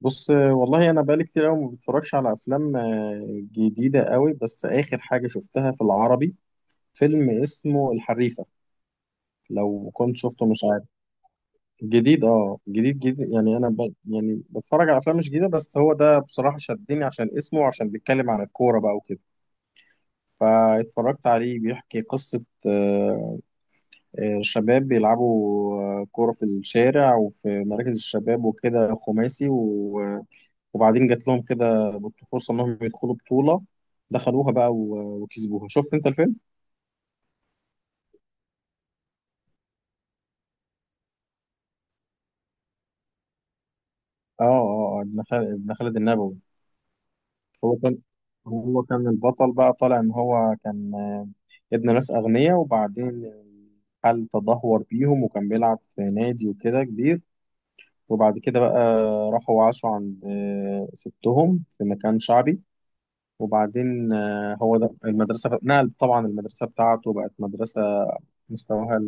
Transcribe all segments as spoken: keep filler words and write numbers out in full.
بص، والله انا بقالي كتير قوي ما بتفرجش على افلام آه، جديده قوي. بس اخر حاجه شفتها في العربي فيلم اسمه الحريفه. لو كنت شفته مش عارف. جديد، اه، جديد جديد، يعني انا ب... يعني بتفرج على افلام مش جديده، بس هو ده بصراحه شدني عشان اسمه وعشان بيتكلم عن الكوره بقى وكده. فاتفرجت عليه. بيحكي قصه آه، آه، شباب بيلعبوا آه، كوره في الشارع وفي مراكز الشباب وكده، خماسي. وبعدين جات لهم كده بط- فرصه انهم يدخلوا بطوله. دخلوها بقى و- وكسبوها. شفت انت الفيلم؟ اه اه، آه، ابن خالد، ابن خالد النبوي. هو كان هو كان البطل بقى. طالع ان هو كان آه، ابن ناس اغنياء، وبعدين حل تدهور بيهم وكان بيلعب في نادي وكده كبير. وبعد كده بقى راحوا وعاشوا عند آه، ستهم في مكان شعبي. وبعدين آه، هو ده المدرسة نقل. طبعا المدرسة بتاعته بقت مدرسة مستواها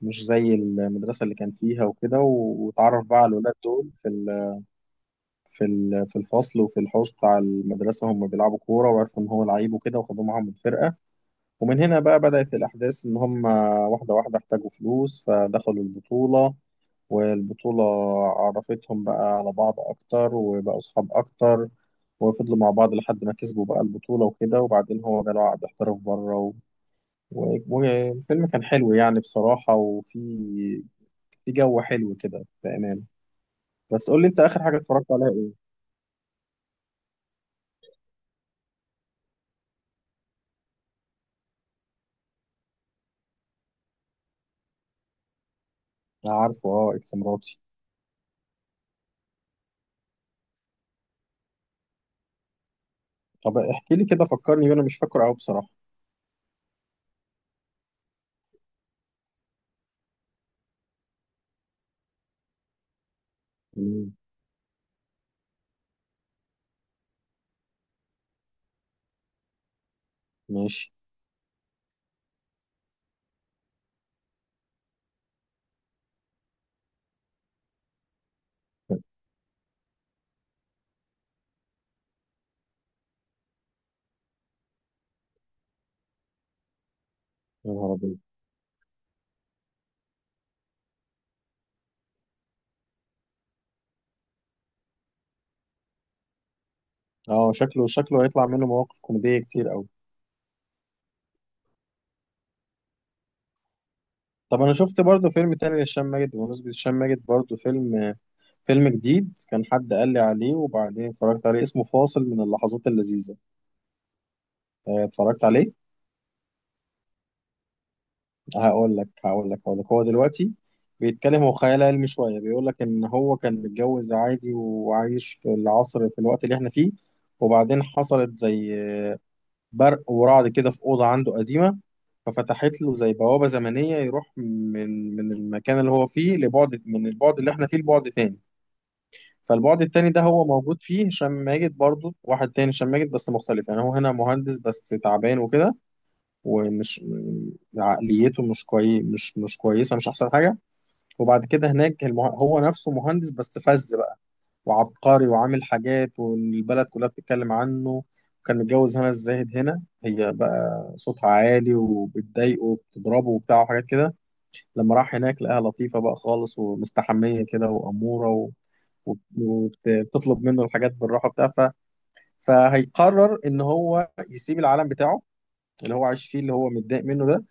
مش زي المدرسة اللي كان فيها وكده و- واتعرف بقى على الولاد دول في ال- في ال- في الفصل وفي الحوش بتاع المدرسة. هم بيلعبوا كورة وعرفوا إن هو لعيب وكده وخدوه معاهم الفرقة. ومن هنا بقى بدأت الأحداث، إن هم واحدة واحدة احتاجوا فلوس فدخلوا البطولة. والبطولة عرفتهم بقى على بعض أكتر وبقوا أصحاب أكتر. وفضلوا مع بعض لحد ما كسبوا بقى البطولة وكده، وبعدين هو جاله عقد احتراف بره و... و- والفيلم كان حلو يعني بصراحة. وفي في جو حلو كده بأمانة. بس قول لي انت، اخر حاجة اتفرجت عليها ايه؟ أنا عارفه، اه، اكس مراتي. طب احكي لي كده، فكرني بيه، انا مش فاكره قوي بصراحة. مم، ماشي. يا نهار ابيض. اه، شكله شكله هيطلع منه مواقف كوميدية كتير قوي. طب انا شفت برضه فيلم تاني لهشام ماجد. بمناسبة هشام ماجد، برضه فيلم فيلم جديد كان حد قال لي عليه وبعدين اتفرجت عليه. اسمه فاصل من اللحظات اللذيذة. آه، اتفرجت عليه. هقول لك هقول لك هقول لك هو دلوقتي بيتكلم. هو خيال علمي شويه، بيقول لك ان هو كان متجوز عادي وعايش في العصر في الوقت اللي احنا فيه. وبعدين حصلت زي برق ورعد كده في اوضه عنده قديمه. ففتحت له زي بوابه زمنيه يروح من من المكان اللي هو فيه لبعد، من البعد اللي احنا فيه لبعد تاني. فالبعد التاني ده هو موجود فيه هشام ماجد برضه، واحد تاني هشام ماجد بس مختلف. يعني هو هنا مهندس بس تعبان وكده. ومش م- عقليته مش كوي، مش مش كويسه، مش احسن حاجه. وبعد كده هناك المه... هو نفسه مهندس بس فز بقى، وعبقري وعامل حاجات والبلد كلها بتتكلم عنه. كان متجوز هنا الزاهد. هنا هي بقى صوتها عالي وبتضايقه وبتضربه وبتاع وحاجات كده. لما راح هناك لقاها لطيفة بقى خالص ومستحمية كده وأمورة و- وبت- وبتطلب منه الحاجات بالراحة بتاعها. ف- فهيقرر إن هو يسيب العالم بتاعه اللي هو عايش فيه اللي هو متضايق منه ده،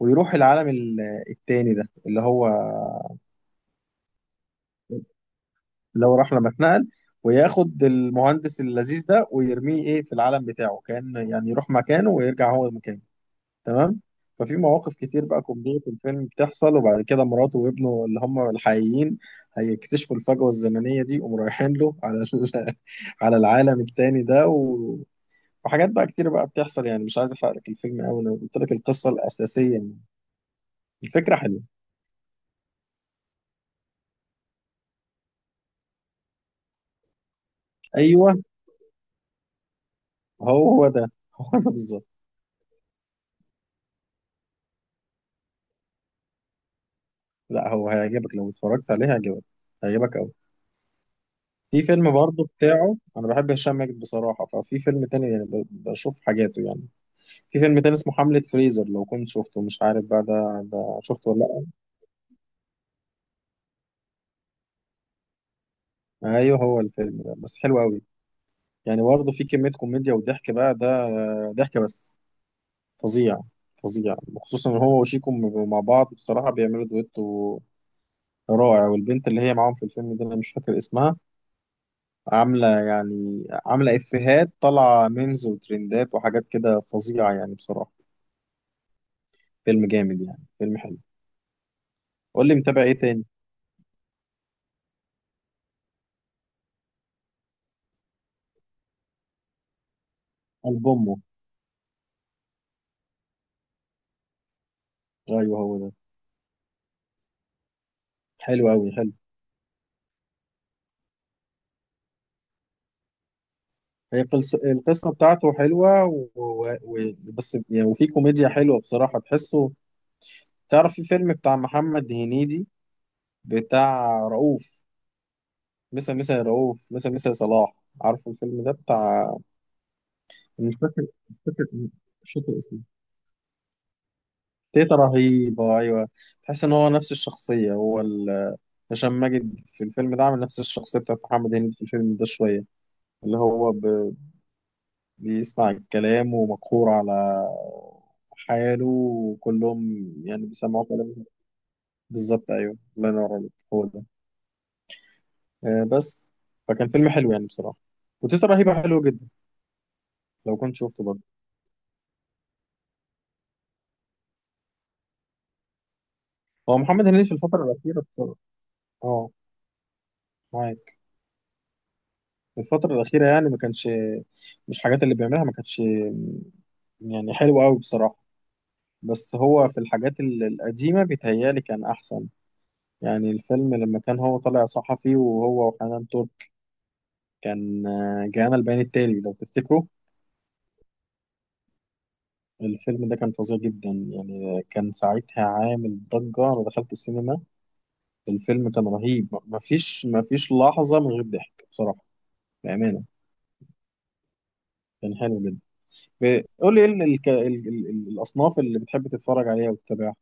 ويروح العالم ال- التاني ده، اللي هو اللي هو راح لما اتنقل، وياخد المهندس اللذيذ ده ويرميه ايه في العالم بتاعه. كان يعني يروح مكانه ويرجع هو مكانه. تمام. ففي مواقف كتير بقى كوميدية في الفيلم بتحصل. وبعد كده مراته وابنه اللي هم الحقيقيين هيكتشفوا الفجوة الزمنية دي وقوم رايحين له على ال- على العالم التاني ده و... وحاجات بقى كتير بقى بتحصل يعني. مش عايز احرق لك الفيلم قوي، انا قلت لك القصة الأساسية يعني. الفكرة حلوة. ايوه، هو هو ده هو ده بالظبط. لا، هو هيعجبك. لو اتفرجت عليه هيعجبك، هيعجبك قوي. في فيلم برضه بتاعه، انا بحب هشام ماجد بصراحه، ففي فيلم تاني يعني ب- بشوف حاجاته يعني. في فيلم تاني اسمه حملة فريزر. لو كنت شفته مش عارف بقى، ده ده شفته ولا؟ لا ايوه، هو الفيلم ده بس حلو قوي. يعني برضه في كميه كوميديا وضحك بقى ده، ضحك بس فظيع، فظيع. وخصوصا ان هو وشيكو م- مع بعض بصراحه بيعملوا دويتو رائع. والبنت اللي هي معاهم في الفيلم ده انا مش فاكر اسمها، عاملة يعني، عاملة إفيهات طالعة، ميمز وترندات وحاجات كده فظيعة يعني بصراحة. فيلم جامد يعني، فيلم حلو. قول لي متابع إيه تاني. ألبومه؟ أيوه هو ده. حلو أوي، حلو. هي قص- القصة بتاعته حلوة و... و... بس يعني، وفي كوميديا حلوة بصراحة تحسه. تعرف في فيلم بتاع محمد هنيدي بتاع رؤوف؟ مسا مسا يا رؤوف، مسا مسا يا صلاح. عارف الفيلم ده بتاع؟ مش فاكر، مش فاكر مش فاكر اسمه. تيتا رهيبة، أيوة. تحس إن هو نفس الشخصية. هو ال- هشام ماجد في الفيلم ده عامل نفس الشخصية بتاعت محمد هنيدي في الفيلم ده شوية. اللي هو ب... بيسمع الكلام ومقهور على حاله، وكلهم يعني بيسمعوا كلامه. بالظبط أيوة، الله ينور عليك، هو ده. آه بس. فكان فيلم حلو يعني بصراحة، وتيتا رهيبة حلوة جدا. لو كنت شفته برضه. هو محمد هنيدي في الفترة الأخيرة بصراحة، اه، معاك، في الفترة الأخيرة يعني ما كانش، مش الحاجات اللي بيعملها ما كانتش يعني حلو قوي بصراحة. بس هو في الحاجات ال- القديمة بيتهيألي كان أحسن. يعني الفيلم لما كان هو طالع صحفي وهو وحنان ترك، كان آه، جانا البيان التالي لو تفتكروا. الفيلم ده كان فظيع جدا يعني. كان ساعتها عامل ضجة، أنا دخلت السينما. الفيلم كان رهيب، م- مفيش مفيش لحظة من غير ضحك بصراحة. بأمانة كان حلو جدا. ب- قول لي إيه ال- الك- ال- ال- الأصناف اللي بتحب تتفرج عليها وتتابعها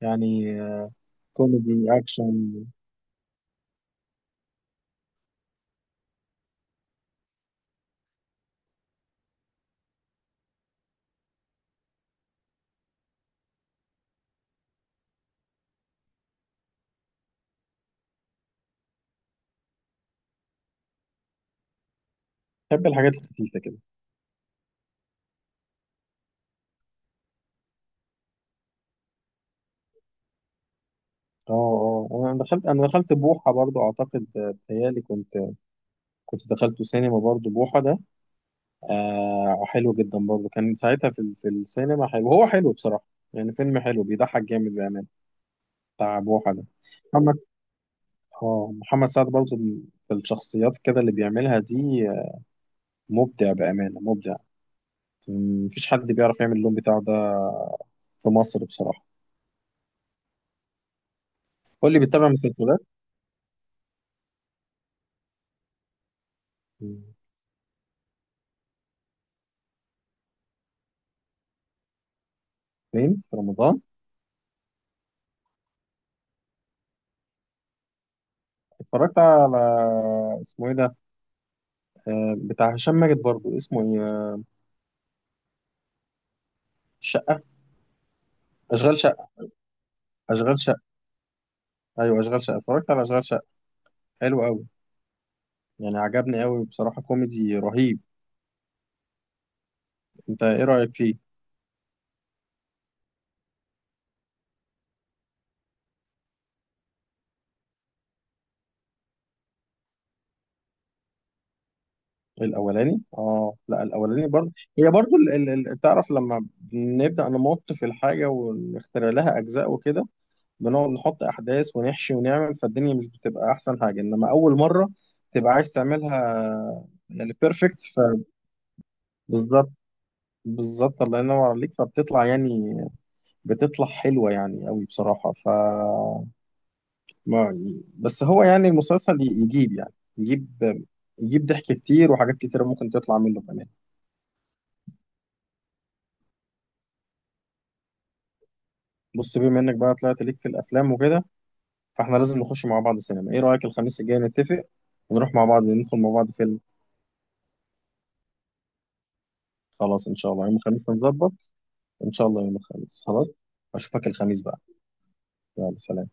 يعني آه، كوميدي أكشن. بحب الحاجات الخفيفة كده. اه اه، انا دخلت، انا دخلت بوحه برضو اعتقد. آه، بتهيألي كنت كنت دخلته سينما برضو بوحه ده. آه حلو جدا برضو. كان ساعتها في ال- في السينما حلو، هو حلو بصراحه، يعني فيلم حلو بيضحك جامد بامانه، بتاع بوحه ده. محمد اه محمد سعد برضو م- في الشخصيات كده اللي بيعملها دي آه، مبدع بامانه مبدع. م- مفيش حد بيعرف يعمل اللون بتاعه ده في مصر بصراحه. قول لي، بتتابع مسلسلات؟ مم. فين؟ في رمضان؟ اتفرجت على، اسمه ايه ده، آه، بتاع هشام ماجد برضو. اسمه ايه؟ شقة. أشغال شقة. أشغال شقة. أيوه أشغال شقة، اتفرجت على أشغال شقة. حلو أوي. يعني عجبني أوي بصراحة، كوميدي رهيب. أنت إيه رأيك فيه؟ الأولاني؟ آه لا الأولاني برضو. هي برضو ال... ال... ال- تعرف لما نبدأ نمط في الحاجة ونخترع لها أجزاء وكده، بنقعد نحط أحداث ونحشي ونعمل. فالدنيا مش بتبقى أحسن حاجة، إنما أول مرة تبقى عايز تعملها يعني بيرفكت. فبالظبط، بالظبط الله ينور عليك. فبتطلع يعني، بتطلع حلوة يعني قوي بصراحة. ف ما بس هو يعني المسلسل ي- يجيب يعني، يجيب يجيب ضحك كتير وحاجات كتيرة ممكن تطلع منه كمان. بص، بما انك بقى طلعت ليك في الافلام وكده، فاحنا لازم نخش مع بعض السينما. ايه رأيك الخميس الجاي نتفق ونروح مع بعض، ندخل مع بعض فيلم؟ خلاص ان شاء الله يوم الخميس هنظبط، ان شاء الله يوم الخميس خلاص. اشوفك الخميس بقى. يلا سلام.